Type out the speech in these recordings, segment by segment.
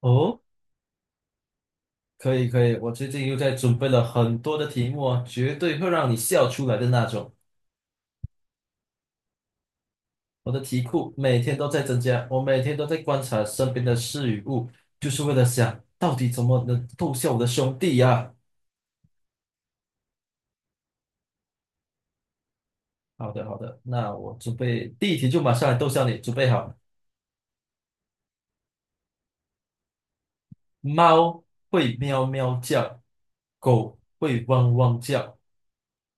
哦，可以可以，我最近又在准备了很多的题目啊，绝对会让你笑出来的那种。我的题库每天都在增加，我每天都在观察身边的事与物，就是为了想到底怎么能逗笑我的兄弟呀、好的好的，那我准备第一题就马上来逗笑你，准备好。猫会喵喵叫，狗会汪汪叫，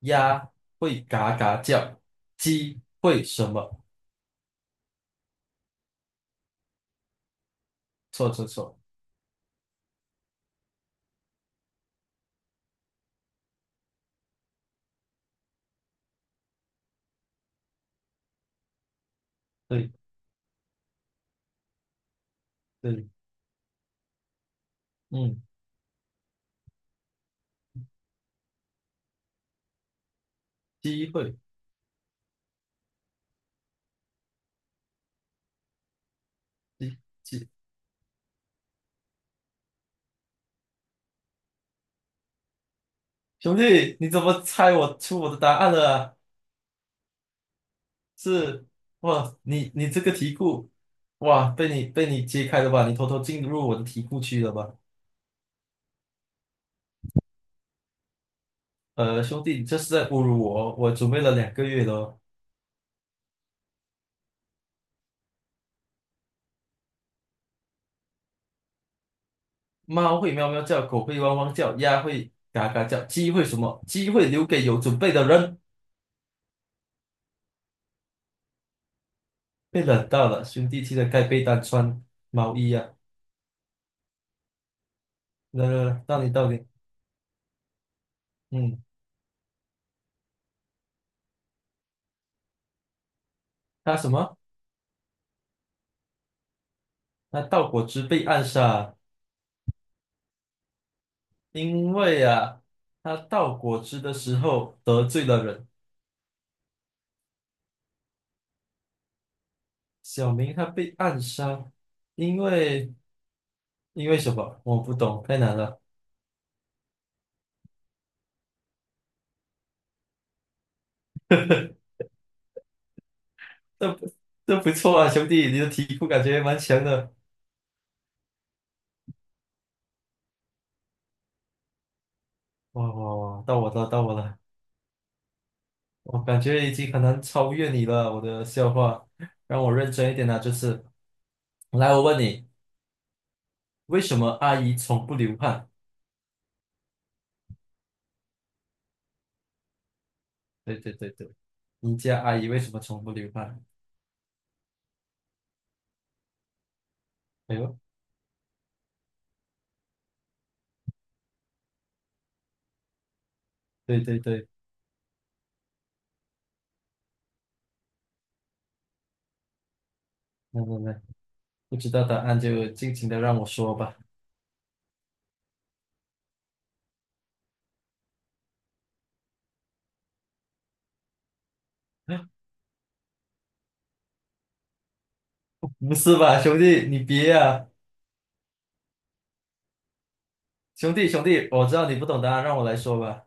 鸭会嘎嘎叫，鸡会什么？错错错，对对，嗯，鸡会。一几兄弟，你怎么猜我出我的答案了啊是哇，你这个题库，哇，被你揭开了吧？你偷偷进入我的题库区了吧？兄弟，你这是在侮辱我哦！我准备了2个月了哦猫会喵喵叫，狗会汪汪叫，鸭会嘎嘎叫，鸡会什么？鸡会留给有准备的人。被冷到了，兄弟，记得盖被单，穿毛衣啊！来来来，到你，嗯，他什么？那盗果汁被暗杀。因为啊，他倒果汁的时候得罪了人，小明他被暗杀，因为因为什么？我不懂，太难了。这不这不错啊，兄弟，你的题库感觉蛮强的。哇哇哇，到我了，到我了，我感觉已经很难超越你了，我的笑话。让我认真一点啊，这次。来，我问你，为什么阿姨从不流汗？对对对对，你家阿姨为什么从不流汗？哎呦，对对对，来来来。不知道答案就尽情的让我说吧。不是吧，兄弟，你别啊！兄弟，兄弟，我知道你不懂答案，让我来说吧。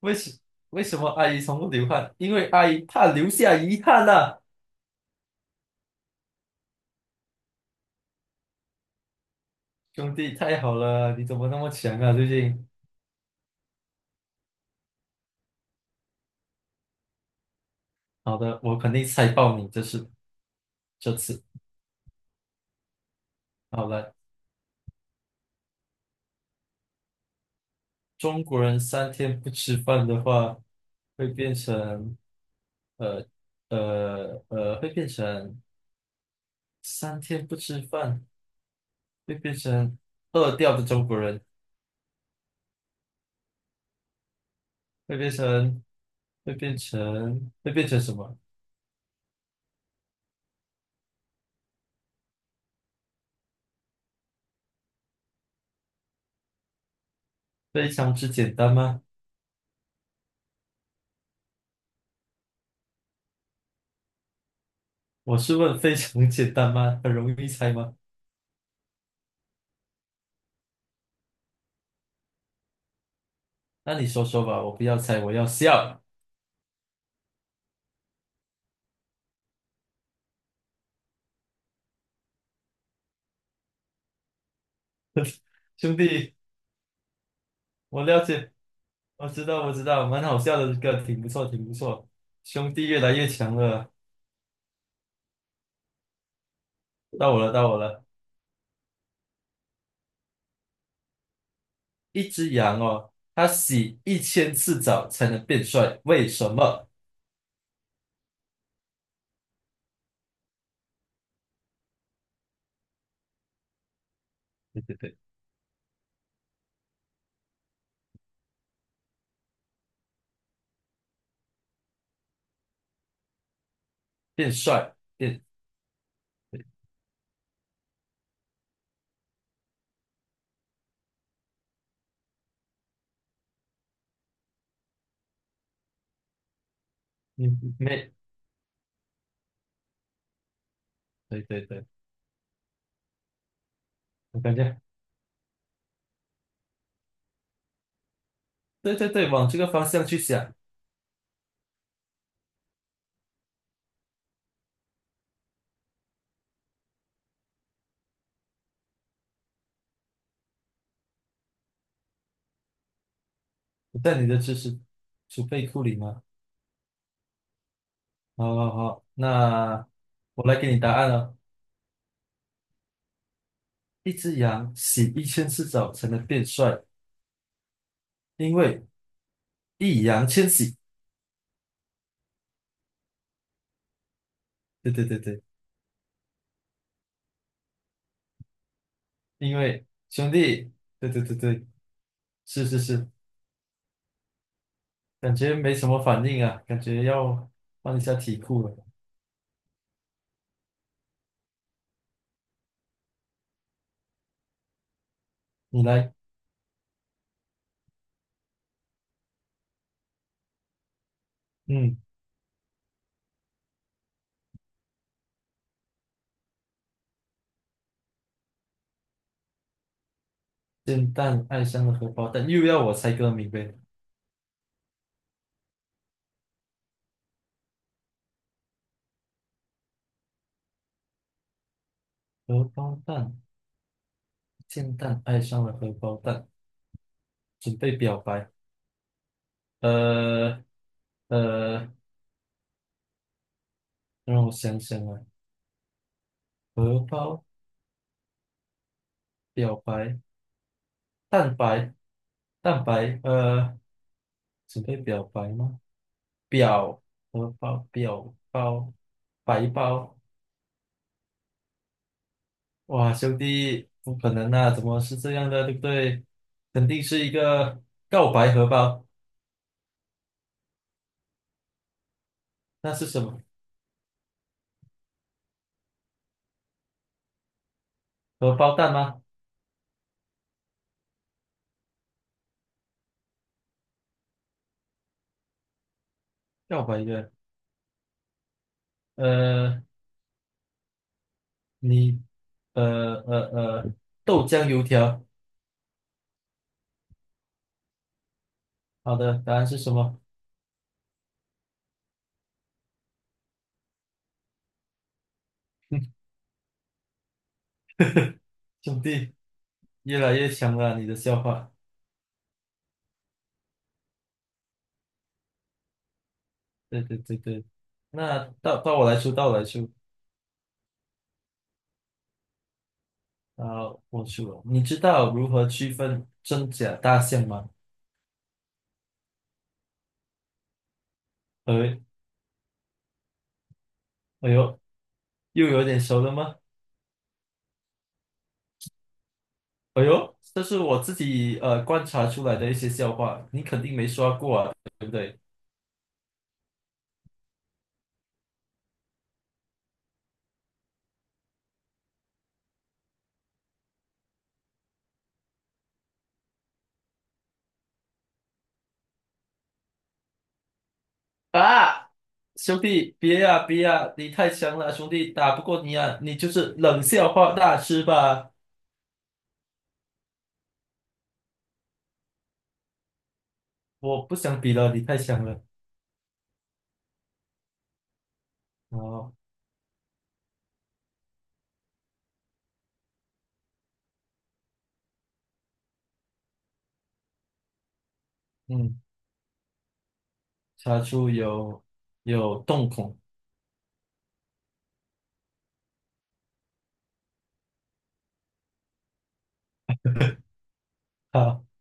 为什为什么阿姨从不流汗？因为阿姨怕留下遗憾呐、兄弟，太好了，你怎么那么强啊？最近，好的，我肯定猜爆你，这次。好了，中国人三天不吃饭的话，会变成呃呃呃，会变成三天不吃饭，会变成饿掉的中国人。会变成会变成什么？非常之简单吗？我是问非常简单吗？很容易猜吗？那你说说吧，我不要猜，我要笑。兄弟，我了解，我知道，我知道，蛮好笑的这个，挺不错，挺不错。兄弟越来越强了，到我了，到我了。一只羊哦，它洗一千次澡才能变帅，为什么？对对对，变帅，你没，对对对，我感觉，对对对，往这个方向去想。在你的知识储备库里吗？好好好，那我来给你答案了。一只羊洗一千次澡才能变帅，因为易烊千玺。对对对对，因为兄弟，对对对对，是是是，感觉没什么反应啊，感觉要换一下题库了。你来，嗯，煎蛋爱上了荷包蛋，又要我猜歌名呗？荷包蛋，煎蛋爱上了荷包蛋，准备表白。呃呃，让我想想啊，荷包、表白、蛋白、蛋白，准备表白吗？表荷包、表包、白包，哇，兄弟，不可能啊，怎么是这样的，对不对？肯定是一个告白荷包，那是什么？荷包蛋吗？告白的，呃，你，呃呃呃，豆浆油条，好的，答案是什么？兄弟，越来越强了啊，你的笑话。对对对对，那到我来说，到我来说，啊，我输了。你知道如何区分真假大象吗？哎，哎呦，又有点熟了吗？哎呦，这是我自己观察出来的一些笑话，你肯定没刷过啊，对不对？啊，兄弟，别呀、别呀、你太强了，兄弟，打不过你啊，你就是冷笑话大师吧？我不想比了，你太强了。然后，嗯，查出有洞孔。